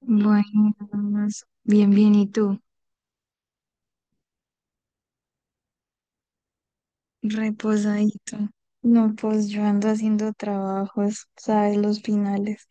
Bueno, pues, bien, bien, ¿y tú? Reposadito. No, pues yo ando haciendo trabajos, ¿sabes? Los finales.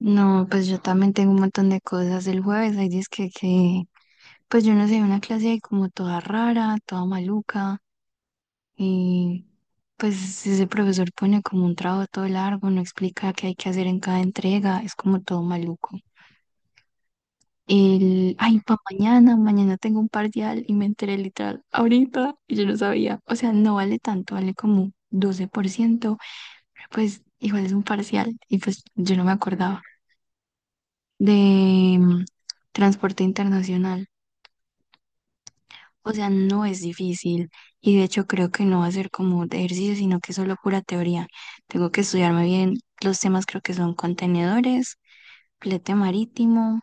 No, pues yo también tengo un montón de cosas. El jueves hay disque que, pues yo no sé, una clase ahí como toda rara, toda maluca. Y pues ese profesor pone como un trabajo todo largo, no explica qué hay que hacer en cada entrega, es como todo maluco. El, ay, pa' mañana, mañana tengo un parcial y me enteré literal ahorita y yo no sabía. O sea, no vale tanto, vale como 12%, pero pues igual es un parcial y pues yo no me acordaba. De mm, transporte internacional. O sea, no es difícil y de hecho creo que no va a ser como de ejercicio, sino que solo pura teoría. Tengo que estudiarme bien los temas, creo que son contenedores, flete marítimo.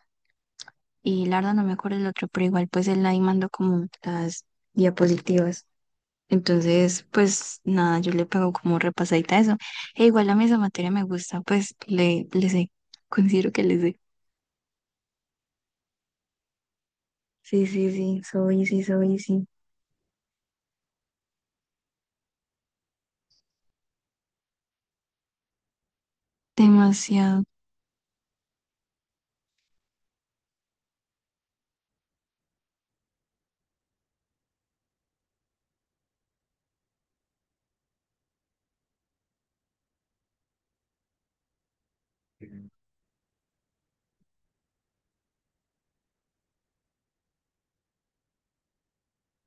Y la verdad no me acuerdo el otro, pero igual pues él ahí mandó como las diapositivas. Entonces, pues nada, yo le pego como repasadita a eso. E igual a mí esa materia me gusta, pues le sé, considero que le sé. Sí, sí, sí, soy, sí, soy, sí. Demasiado.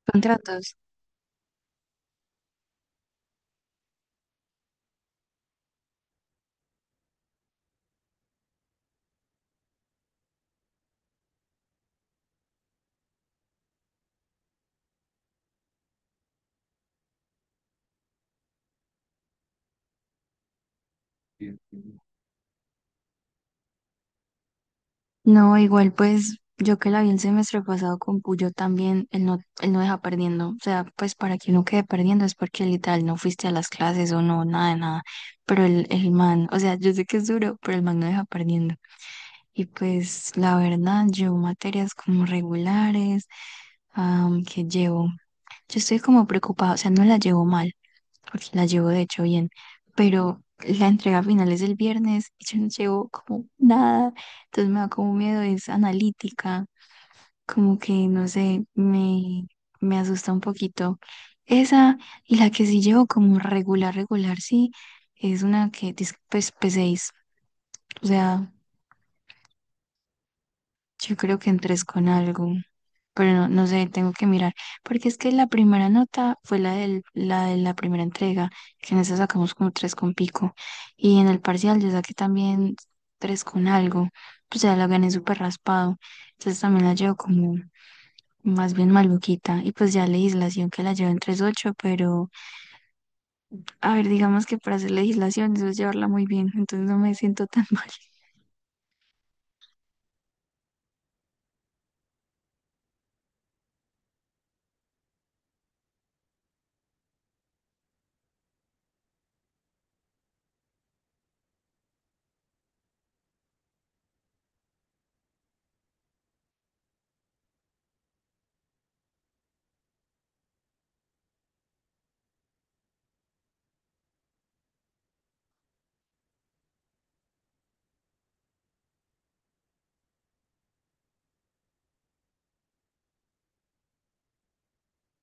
Contratos. No, igual pues yo que la vi el semestre pasado con Puyo también, él no deja perdiendo. O sea, pues para que no quede perdiendo es porque literal no fuiste a las clases o no, nada de nada. Pero el man, o sea, yo sé que es duro, pero el man no deja perdiendo. Y pues la verdad, llevo materias como regulares, que llevo yo estoy como preocupada, o sea, no la llevo mal, porque la llevo de hecho bien, pero la entrega final es el viernes y yo no llevo como nada, entonces me da como miedo, es analítica, como que no sé, me asusta un poquito. Esa y la que sí llevo como regular, regular, sí, es una que dice pues P6 o sea, yo creo que en 3 con algo. Pero no, no sé, tengo que mirar, porque es que la primera nota fue la del, la de la primera entrega, que en esa sacamos como 3 con pico, y en el parcial yo saqué también 3 con algo, pues ya la gané súper raspado, entonces también la llevo como más bien maluquita, y pues ya legislación que la llevo en 3.8, pero a ver, digamos que para hacer legislación eso es llevarla muy bien, entonces no me siento tan mal.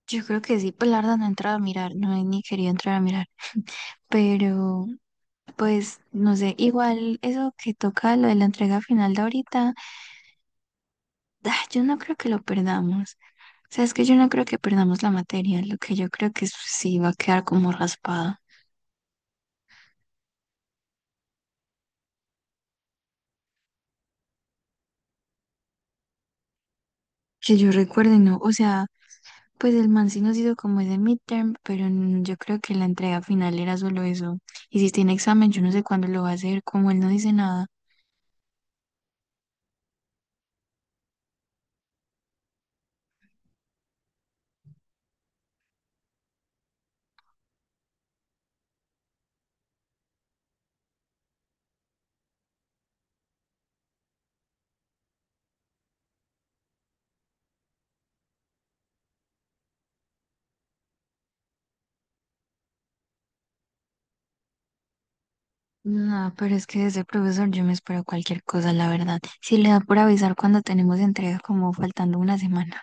Yo creo que sí, pues la verdad no he entrado a mirar, no he ni querido entrar a mirar, pero pues no sé, igual eso que toca lo de la entrega final de ahorita, ah, yo no creo que lo perdamos. O sea, es que yo no creo que perdamos la materia, lo que yo creo que sí va a quedar como raspada. Que yo recuerde, no, o sea, pues el man sí nos hizo como ese midterm, pero yo creo que la entrega final era solo eso. Y si tiene examen, yo no sé cuándo lo va a hacer, como él no dice nada. No, pero es que de ese profesor yo me espero cualquier cosa, la verdad. Si le da por avisar cuando tenemos entrega, como faltando una semana.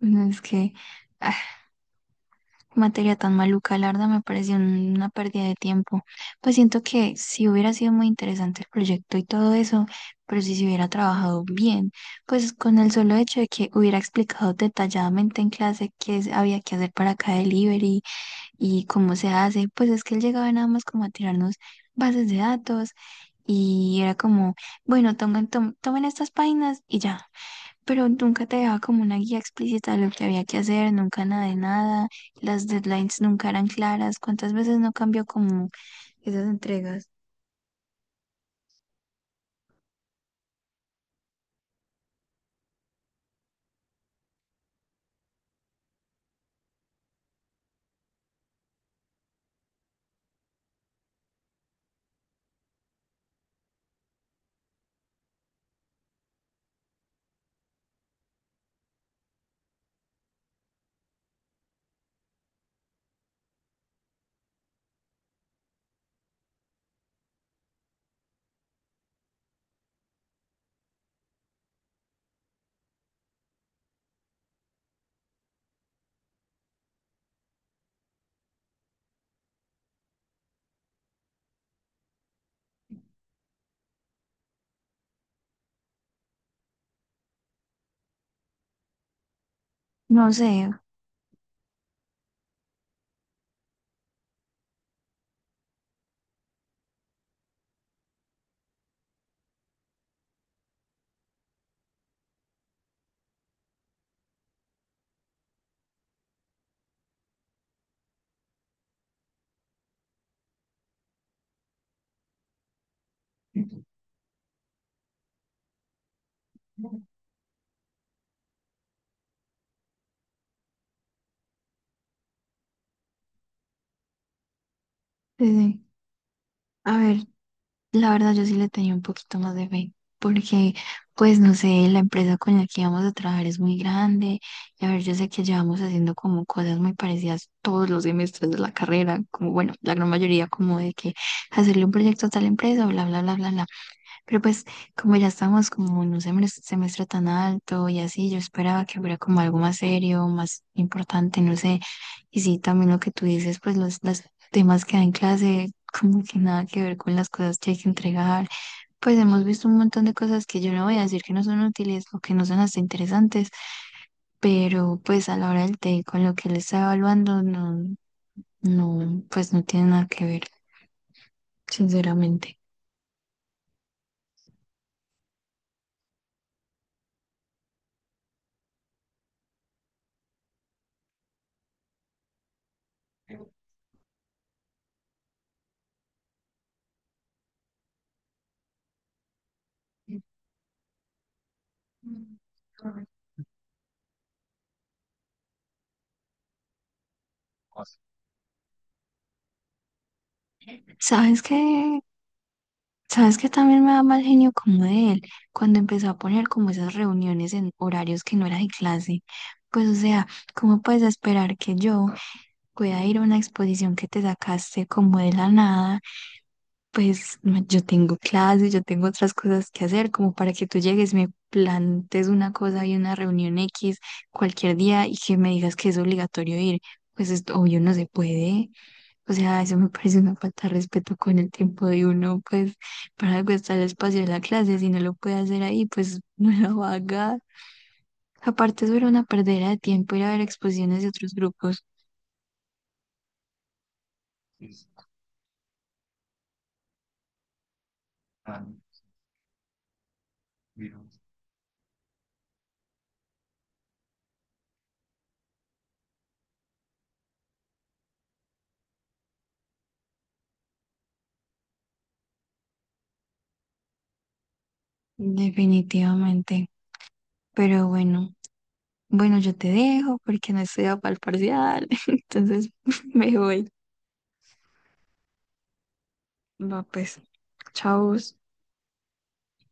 No, es que ah, materia tan maluca, la verdad me pareció una pérdida de tiempo. Pues siento que si hubiera sido muy interesante el proyecto y todo eso, pero si se hubiera trabajado bien, pues con el solo hecho de que hubiera explicado detalladamente en clase había que hacer para cada delivery y cómo se hace, pues es que él llegaba nada más como a tirarnos bases de datos y era como, bueno, tomen, tomen estas páginas y ya. Pero nunca te dejaba como una guía explícita de lo que había que hacer, nunca nada de nada, las deadlines nunca eran claras, ¿cuántas veces no cambió como esas entregas? No sé. Sí, sí. A ver, la verdad yo sí le tenía un poquito más de fe, porque pues no sé, la empresa con la que íbamos a trabajar es muy grande, y a ver, yo sé que llevamos haciendo como cosas muy parecidas todos los semestres de la carrera, como bueno, la gran mayoría como de que hacerle un proyecto a tal empresa, bla, bla, bla, bla, bla. Pero pues como ya estamos como en un semestre, semestre tan alto y así, yo esperaba que hubiera como algo más serio, más importante, no sé. Y sí, también lo que tú dices, pues los temas que da en clase, como que nada que ver con las cosas que hay que entregar. Pues hemos visto un montón de cosas que yo no voy a decir que no son útiles o que no son hasta interesantes, pero pues a la hora del té, con lo que él está evaluando, no, no, pues no tiene nada que ver, sinceramente. ¿Sabes qué? ¿Sabes que también me da mal genio como de él? Cuando empezó a poner como esas reuniones en horarios que no era de clase. Pues o sea, ¿cómo puedes esperar que yo pueda ir a una exposición que te sacaste como de la nada? Pues no, yo tengo clases, yo tengo otras cosas que hacer, como para que tú llegues, me plantes una cosa y una reunión X cualquier día y que me digas que es obligatorio ir. Pues es obvio, no se puede. O sea, eso me parece una falta de respeto con el tiempo de uno, pues para algo está el espacio de la clase, si no lo puede hacer ahí, pues no lo va a haga. Aparte, eso era una perdera de tiempo ir a ver exposiciones de otros grupos, definitivamente. Pero bueno, bueno, yo te dejo porque no estoy para el parcial, entonces me voy. Va, pues, chao.